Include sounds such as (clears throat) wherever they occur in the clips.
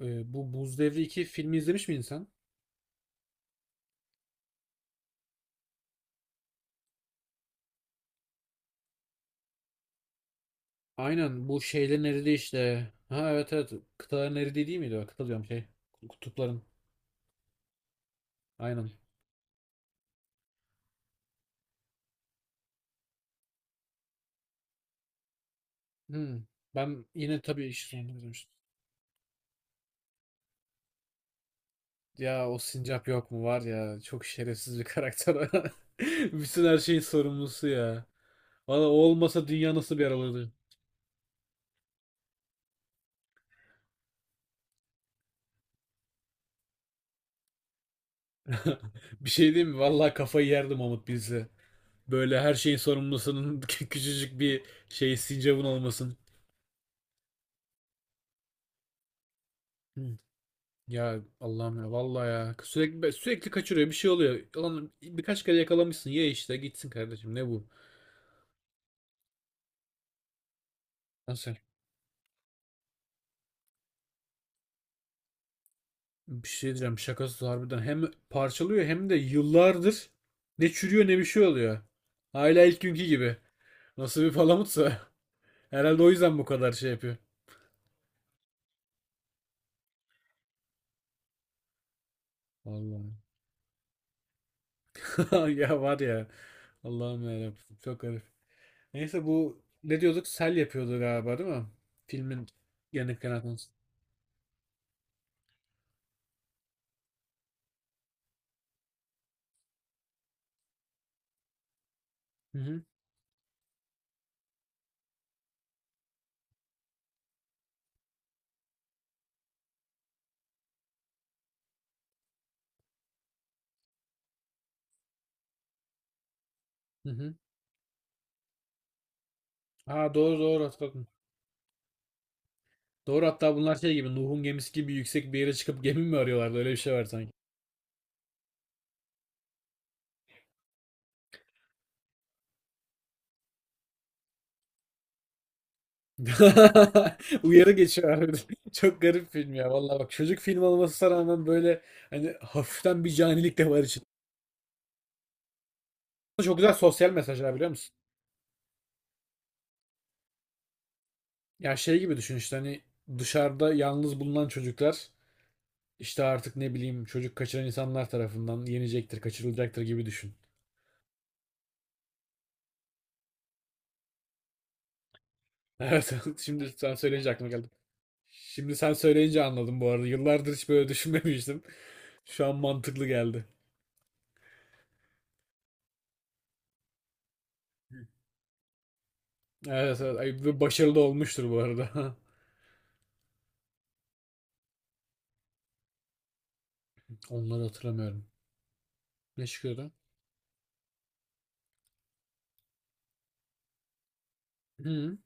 Bu Buz Devri 2 filmi izlemiş miydin sen? Aynen bu şeylerin eridiği işte. Ha, evet, evet, kıtaların eridiği değil miydi? O? Kıta diyorum şey. Kutupların. Aynen. Hmm. Ben yine tabii iş sonunda izlemiştim. Ya o sincap yok mu var ya, çok şerefsiz bir karakter. (laughs) Bütün her şeyin sorumlusu ya. Valla o olmasa dünya nasıl bir yer olurdu? (laughs) Bir şey diyeyim mi? Valla kafayı yerdim Mahmut bilse. Böyle her şeyin sorumlusunun (laughs) küçücük bir şey sincapın olmasın. Hmm. Ya Allah'ım ya, vallahi ya sürekli sürekli kaçırıyor, bir şey oluyor. Lan birkaç kere yakalamışsın, ye işte gitsin kardeşim, ne bu? Nasıl? Bir şey diyeceğim, şakasız harbiden hem parçalıyor hem de yıllardır ne çürüyor ne bir şey oluyor. Hala ilk günkü gibi. Nasıl bir palamutsa. (laughs) Herhalde o yüzden bu kadar şey yapıyor. Vallahi. (laughs) Ya var ya. Allah'ım ya, çok garip. Neyse, bu ne diyorduk? Sel yapıyordu galiba, değil mi? Filmin yanık kanatını. Hı hı. Hı hı. Ha doğru doğru hatırladım. Doğru, hatta bunlar şey gibi, Nuh'un gemisi gibi yüksek bir yere çıkıp gemi mi arıyorlardı, öyle bir şey var sanki. (laughs) Uyarı geçiyor. (laughs) Çok garip film ya, vallahi bak çocuk film olmasına rağmen böyle hani hafiften bir canilik de var içinde. Çok güzel sosyal mesajlar, biliyor musun? Ya şey gibi düşün işte, hani dışarıda yalnız bulunan çocuklar işte artık ne bileyim çocuk kaçıran insanlar tarafından yenecektir, kaçırılacaktır gibi düşün. (laughs) Evet, şimdi sen söyleyince aklıma geldi. Şimdi sen söyleyince anladım bu arada. Yıllardır hiç böyle düşünmemiştim. Şu an mantıklı geldi. Evet evet. Ay, ve başarılı da olmuştur bu arada. (laughs) Onları hatırlamıyorum. Ne çıkıyordu? Hı.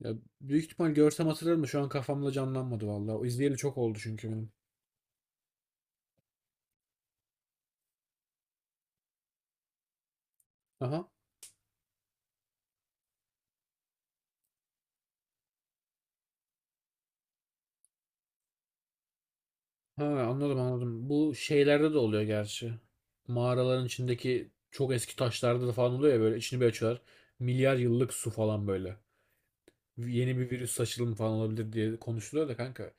Ya, büyük ihtimal görsem hatırlarım da şu an kafamda canlanmadı vallahi. O izleyeli çok oldu çünkü benim. Aha. Ha, anladım anladım. Bu şeylerde de oluyor gerçi. Mağaraların içindeki çok eski taşlarda da falan oluyor ya, böyle içini bir açıyorlar. Milyar yıllık su falan böyle. Yeni bir virüs saçılımı falan olabilir diye konuşuluyor da kanka.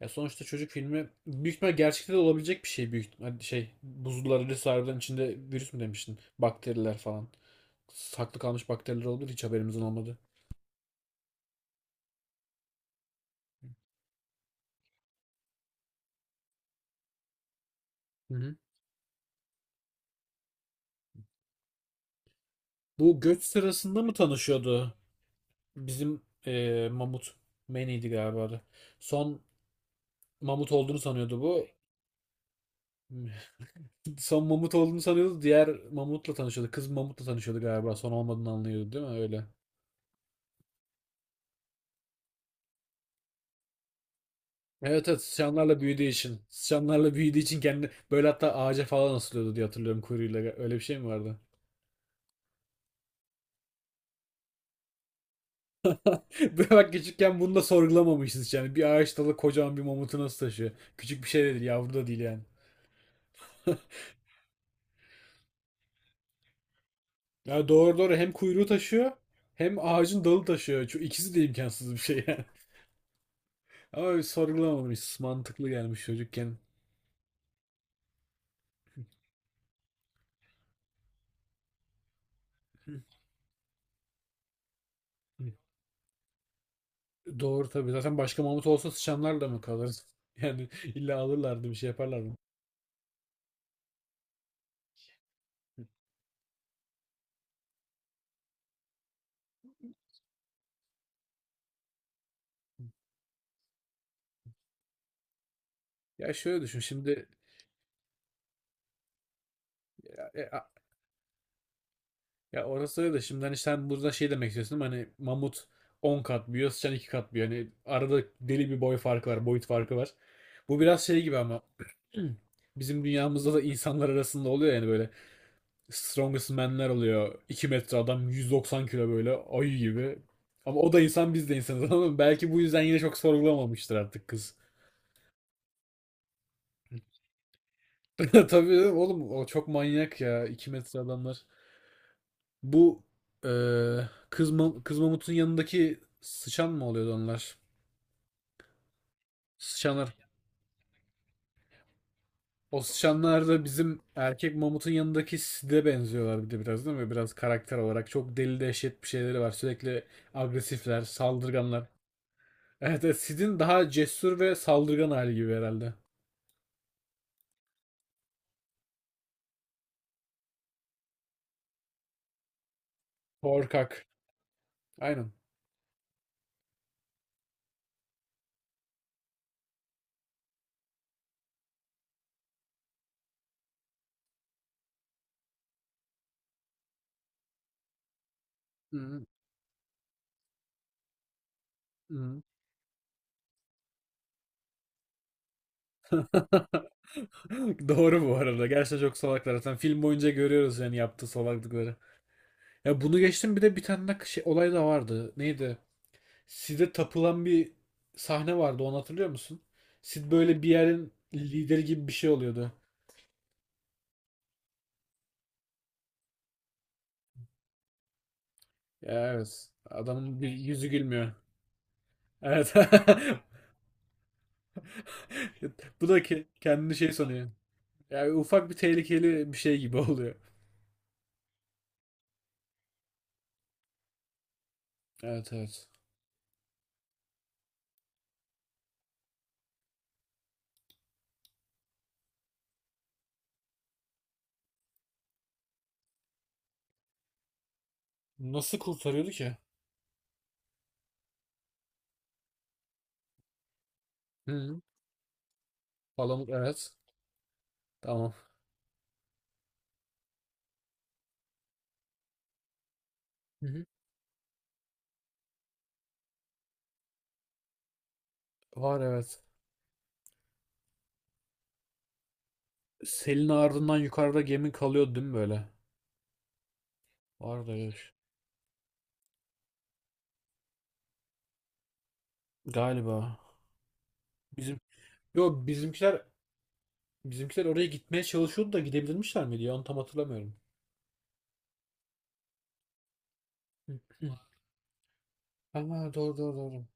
Ya sonuçta çocuk filmi, büyük ihtimal gerçekte de olabilecek bir şey. Şey, buzullar öyle harbiden içinde virüs mü demiştin? Bakteriler falan. Saklı kalmış bakteriler olabilir, hiç haberimizin olmadı. Hı hı. Bu göç sırasında mı tanışıyordu bizim Mamut? Manny'di galiba adı. Son Mamut olduğunu sanıyordu bu. (laughs) Son Mamut olduğunu sanıyordu. Diğer Mamut'la tanışıyordu. Kız Mamut'la tanışıyordu galiba. Son olmadığını anlıyordu, değil mi? Öyle. Evet evet, sıçanlarla büyüdüğü için. Sıçanlarla büyüdüğü için kendi böyle hatta ağaca falan asılıyordu diye hatırlıyorum, kuyruğuyla. Öyle bir şey mi vardı? (laughs) Bak, küçükken bunu da sorgulamamışız yani. Bir ağaç dalı kocaman bir mamutu nasıl taşıyor? Küçük bir şey de değil, yavru da değil yani. Ya doğru doğru, hem kuyruğu taşıyor hem ağacın dalı taşıyor. Şu ikisi de imkansız bir şey yani. (laughs) Ama biz sorgulamamışız. Mantıklı gelmiş çocukken. (laughs) Hı. Doğru tabii. Zaten başka mamut olsa sıçanlar da mı kalır? (laughs) Yani illa alırlardı, bir şey yaparlardı. Ya şöyle düşün şimdi. Ya orası öyle de, şimdi hani sen burada şey demek istiyorsun ama hani mamut 10 kat büyüyor, sıçan 2 kat büyüyor. Hani arada deli bir boy farkı var, boyut farkı var. Bu biraz şey gibi ama (clears throat) bizim dünyamızda da insanlar arasında oluyor yani, böyle strongest man'ler oluyor. 2 metre adam 190 kilo, böyle ayı gibi. Ama o da insan biz de insanız (laughs) ama belki bu yüzden yine çok sorgulamamıştır artık kız. (laughs) Tabii oğlum, o çok manyak ya 2 metre adamlar. Bu kız, kız mamutun yanındaki sıçan mı oluyordu onlar? Sıçanlar. O sıçanlar da bizim erkek mamutun yanındaki side benziyorlar bir de biraz, değil mi? Biraz karakter olarak. Çok deli dehşet bir şeyleri var. Sürekli agresifler, saldırganlar. Evet, evet, Sid'in daha cesur ve saldırgan hali gibi herhalde. Korkak. Aynen. Hı hı. (laughs) Doğru bu arada. Gerçekten çok salaklar. Zaten film boyunca görüyoruz yani, yaptığı salaklıkları. Ya bunu geçtim, bir de bir tane de şey, olay da vardı. Neydi? Sid'e tapılan bir sahne vardı, onu hatırlıyor musun? Sid böyle bir yerin lideri gibi bir şey oluyordu. Ya evet. Adamın bir yüzü gülmüyor. Evet. (laughs) Bu da kendini şey sanıyor. Yani ufak bir tehlikeli bir şey gibi (laughs) oluyor. Evet evet. Nasıl kurtarıyordu ki? Hı. Falan evet. Tamam. Hı hı. Var evet. Selin ardından yukarıda gemi kalıyordu, değil mi böyle? Vardı evet. Galiba. Bizim Yo bizimkiler Bizimkiler oraya gitmeye çalışıyordu da gidebilirmişler miydi ya? Onu tam hatırlamıyorum. (clears throat) (laughs) Ama doğru doğru doğru.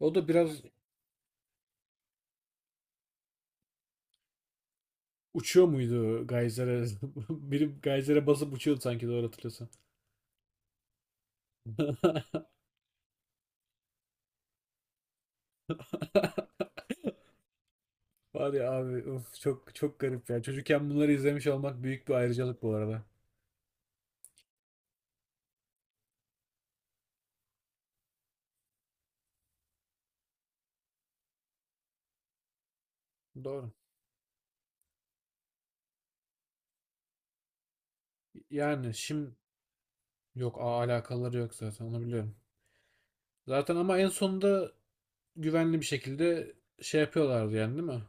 O da biraz uçuyor muydu Geyser'e? (laughs) Biri Geyser'e basıp uçuyordu sanki, doğru hatırlıyorsam. (laughs) Var ya abi, of, çok çok garip ya. Çocukken bunları izlemiş olmak büyük bir ayrıcalık bu arada. Doğru. Yani şimdi yok, alakaları yok zaten, onu biliyorum. Zaten ama en sonunda güvenli bir şekilde şey yapıyorlardı yani, değil mi?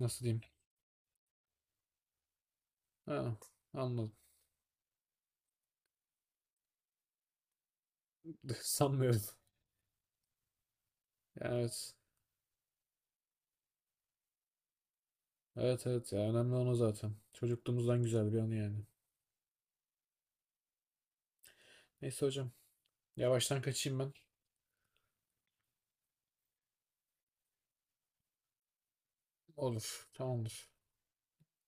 Nasıl diyeyim? Ha, anladım. (laughs) Sanmıyorum. Yani evet. Evet evet, ya önemli olan o zaten. Çocukluğumuzdan güzel bir anı yani. Neyse hocam, yavaştan kaçayım ben. Olur, tamamdır.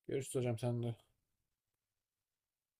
Görüşürüz hocam, sen de.